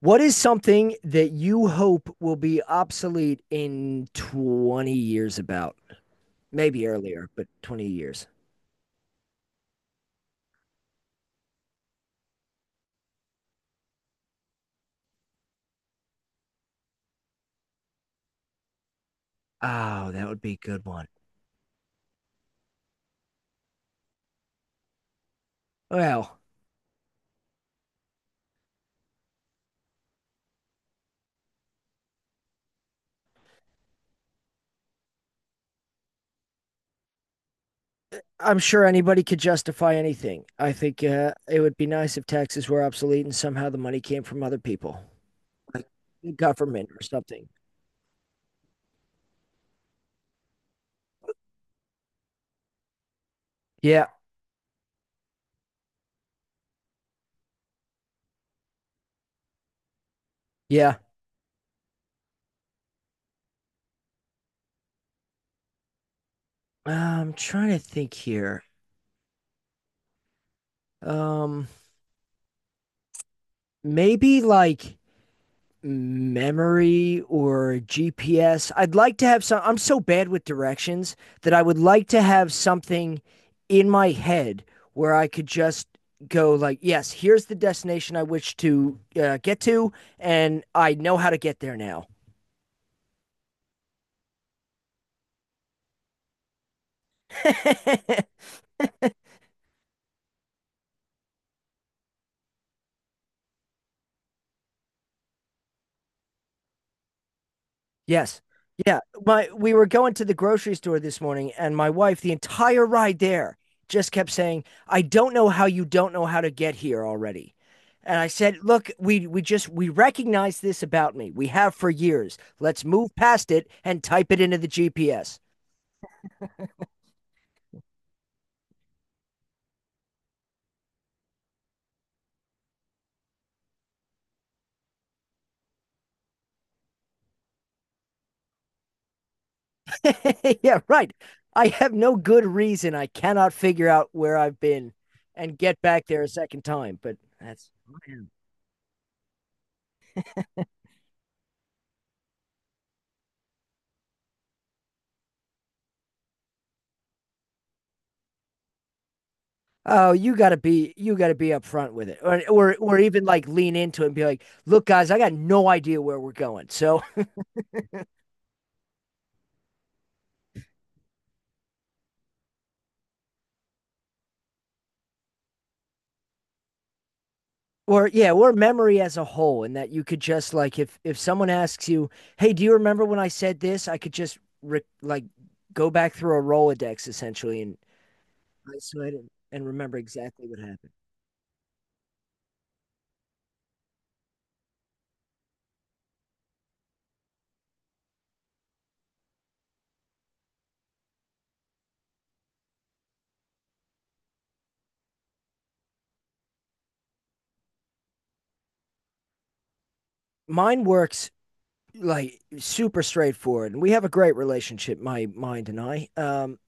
What is something that you hope will be obsolete in 20 years about? Maybe earlier, but 20 years. Oh, that would be a good one. Well, I'm sure anybody could justify anything. I think it would be nice if taxes were obsolete and somehow the money came from other people, like the government or something. Yeah, yeah. I'm trying to think here. Um, Maybe like memory or GPS. I'd like to have some. I'm so bad with directions that I would like to have something in my head where I could just go like, yes, here's the destination I wish to get to, and I know how to get there now. Yes. Yeah. My we were going to the grocery store this morning and my wife the entire ride there just kept saying, "I don't know how you don't know how to get here already." And I said, "Look, we recognize this about me. We have for years. Let's move past it and type it into the GPS." Yeah, right. I have no good reason I cannot figure out where I've been and get back there a second time, but that's. Oh, you gotta be upfront with it, or even like lean into it and be like, "Look, guys, I got no idea where we're going." So, or yeah, or memory as a whole, and that you could just like if someone asks you, "Hey, do you remember when I said this?" I could just like go back through a Rolodex essentially and isolate it and remember exactly what happened. Mine works like super straightforward, and we have a great relationship, my mind and I. Um,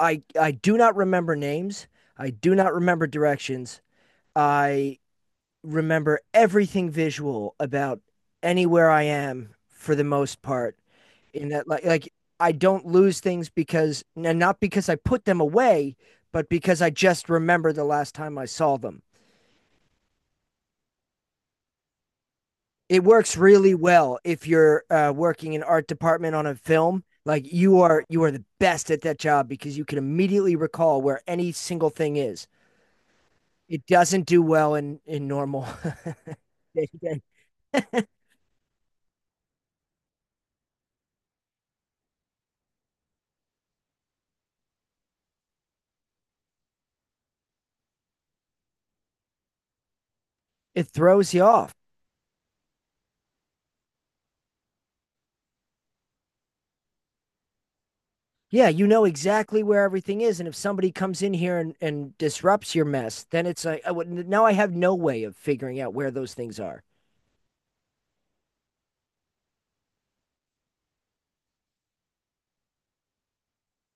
I I do not remember names. I do not remember directions. I remember everything visual about anywhere I am for the most part. In that, like I don't lose things because, and not because I put them away, but because I just remember the last time I saw them. It works really well if you're working in art department on a film. Like you are the best at that job because you can immediately recall where any single thing is. It doesn't do well in normal. It throws you off. Yeah, you know exactly where everything is, and if somebody comes in here and disrupts your mess, then it's like now I have no way of figuring out where those things are.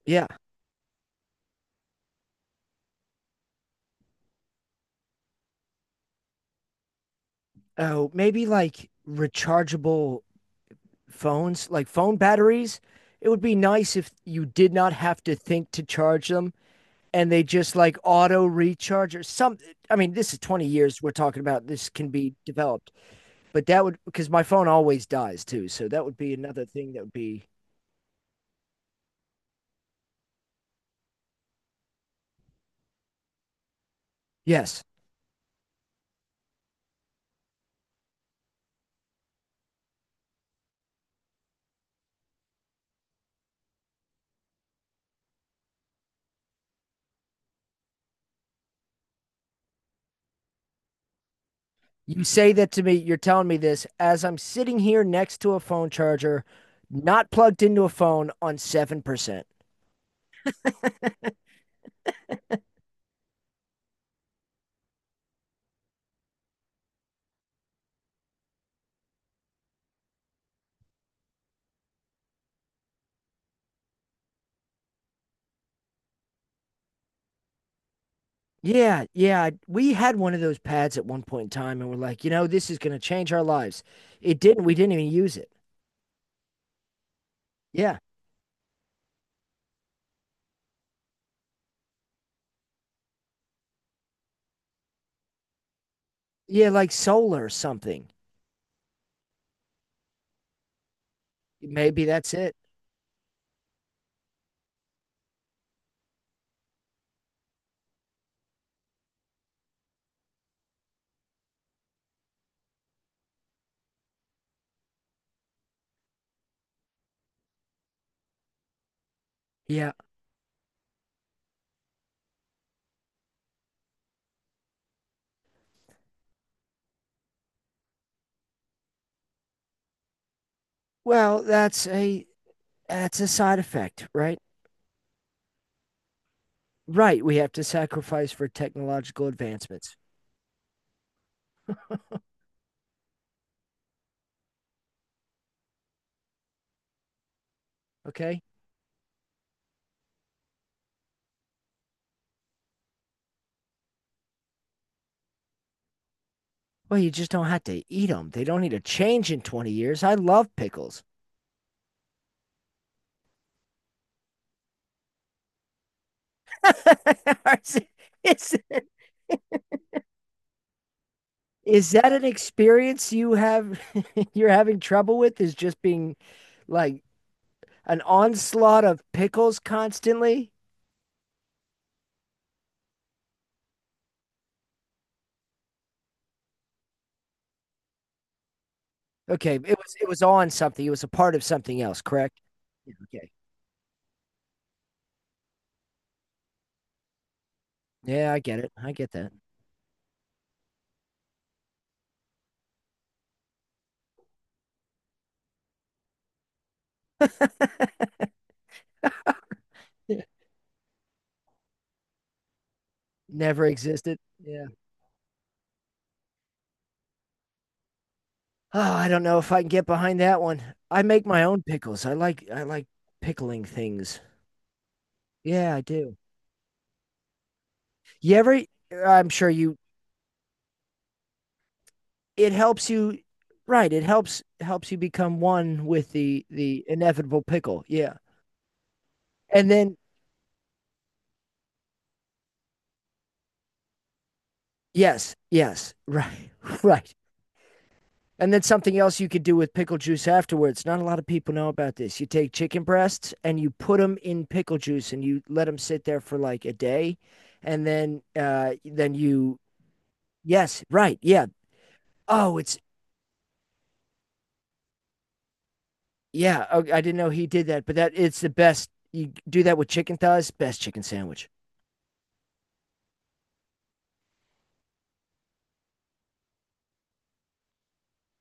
Yeah. Oh, maybe like rechargeable phones, like phone batteries. It would be nice if you did not have to think to charge them, and they just like auto recharge or some. I mean, this is 20 years we're talking about. This can be developed, but that would because my phone always dies too, so that would be another thing that would be. Yes. You say that to me, you're telling me this as I'm sitting here next to a phone charger, not plugged into a phone on 7%. Yeah, yeah. We had one of those pads at one point in time and we're like, you know, this is going to change our lives. It didn't. We didn't even use it. Yeah. Yeah, like solar or something. Maybe that's it. Yeah. Well, that's a side effect, right? Right. We have to sacrifice for technological advancements. Okay. Well, you just don't have to eat them. They don't need to change in 20 years. I love pickles. is, is that an experience you have you're having trouble with is just being like an onslaught of pickles constantly? Okay, it was on something. It was a part of something else, correct? Yeah, okay. Yeah, I get it. I get that. Yeah. Never existed. Yeah. Oh, I don't know if I can get behind that one. I make my own pickles. I like pickling things. Yeah, I do. You ever? I'm sure you. It helps you, right? It helps helps you become one with the inevitable pickle. Yeah, and then yes, yes, right, right. And then something else you could do with pickle juice afterwards. Not a lot of people know about this. You take chicken breasts and you put them in pickle juice and you let them sit there for like a day, and then you. Yes, right, yeah. Oh, it's. Yeah. Oh, I didn't know he did that, but that it's the best. You do that with chicken thighs, best chicken sandwich.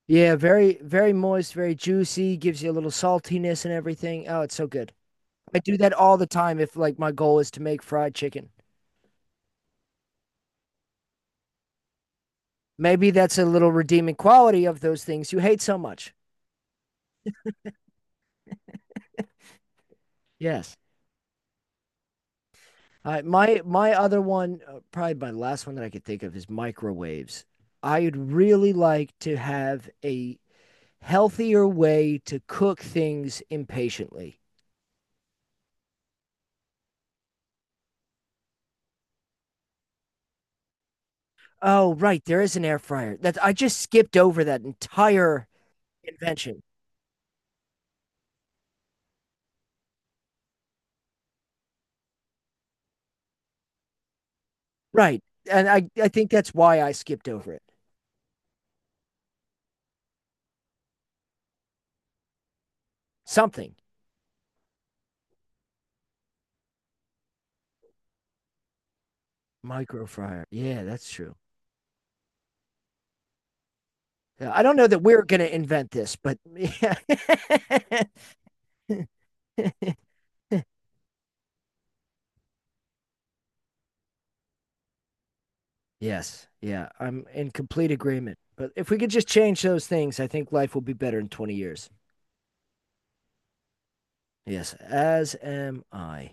Yeah, very, very moist, very juicy, gives you a little saltiness and everything. Oh, it's so good. I do that all the time if like my goal is to make fried chicken. Maybe that's a little redeeming quality of those things you hate so much. Yes. My other one, probably my last one that I could think of is microwaves. I would really like to have a healthier way to cook things impatiently. Oh, right, there is an air fryer. That I just skipped over that entire invention. Right. And I think that's why I skipped over it. Something. Microfryer. Yeah, that's true. Yeah, I don't know that we're going to invent this, but yeah. Yes. Yeah. I'm in complete agreement. But if we could just change those things, I think life will be better in 20 years. Yes. As am I.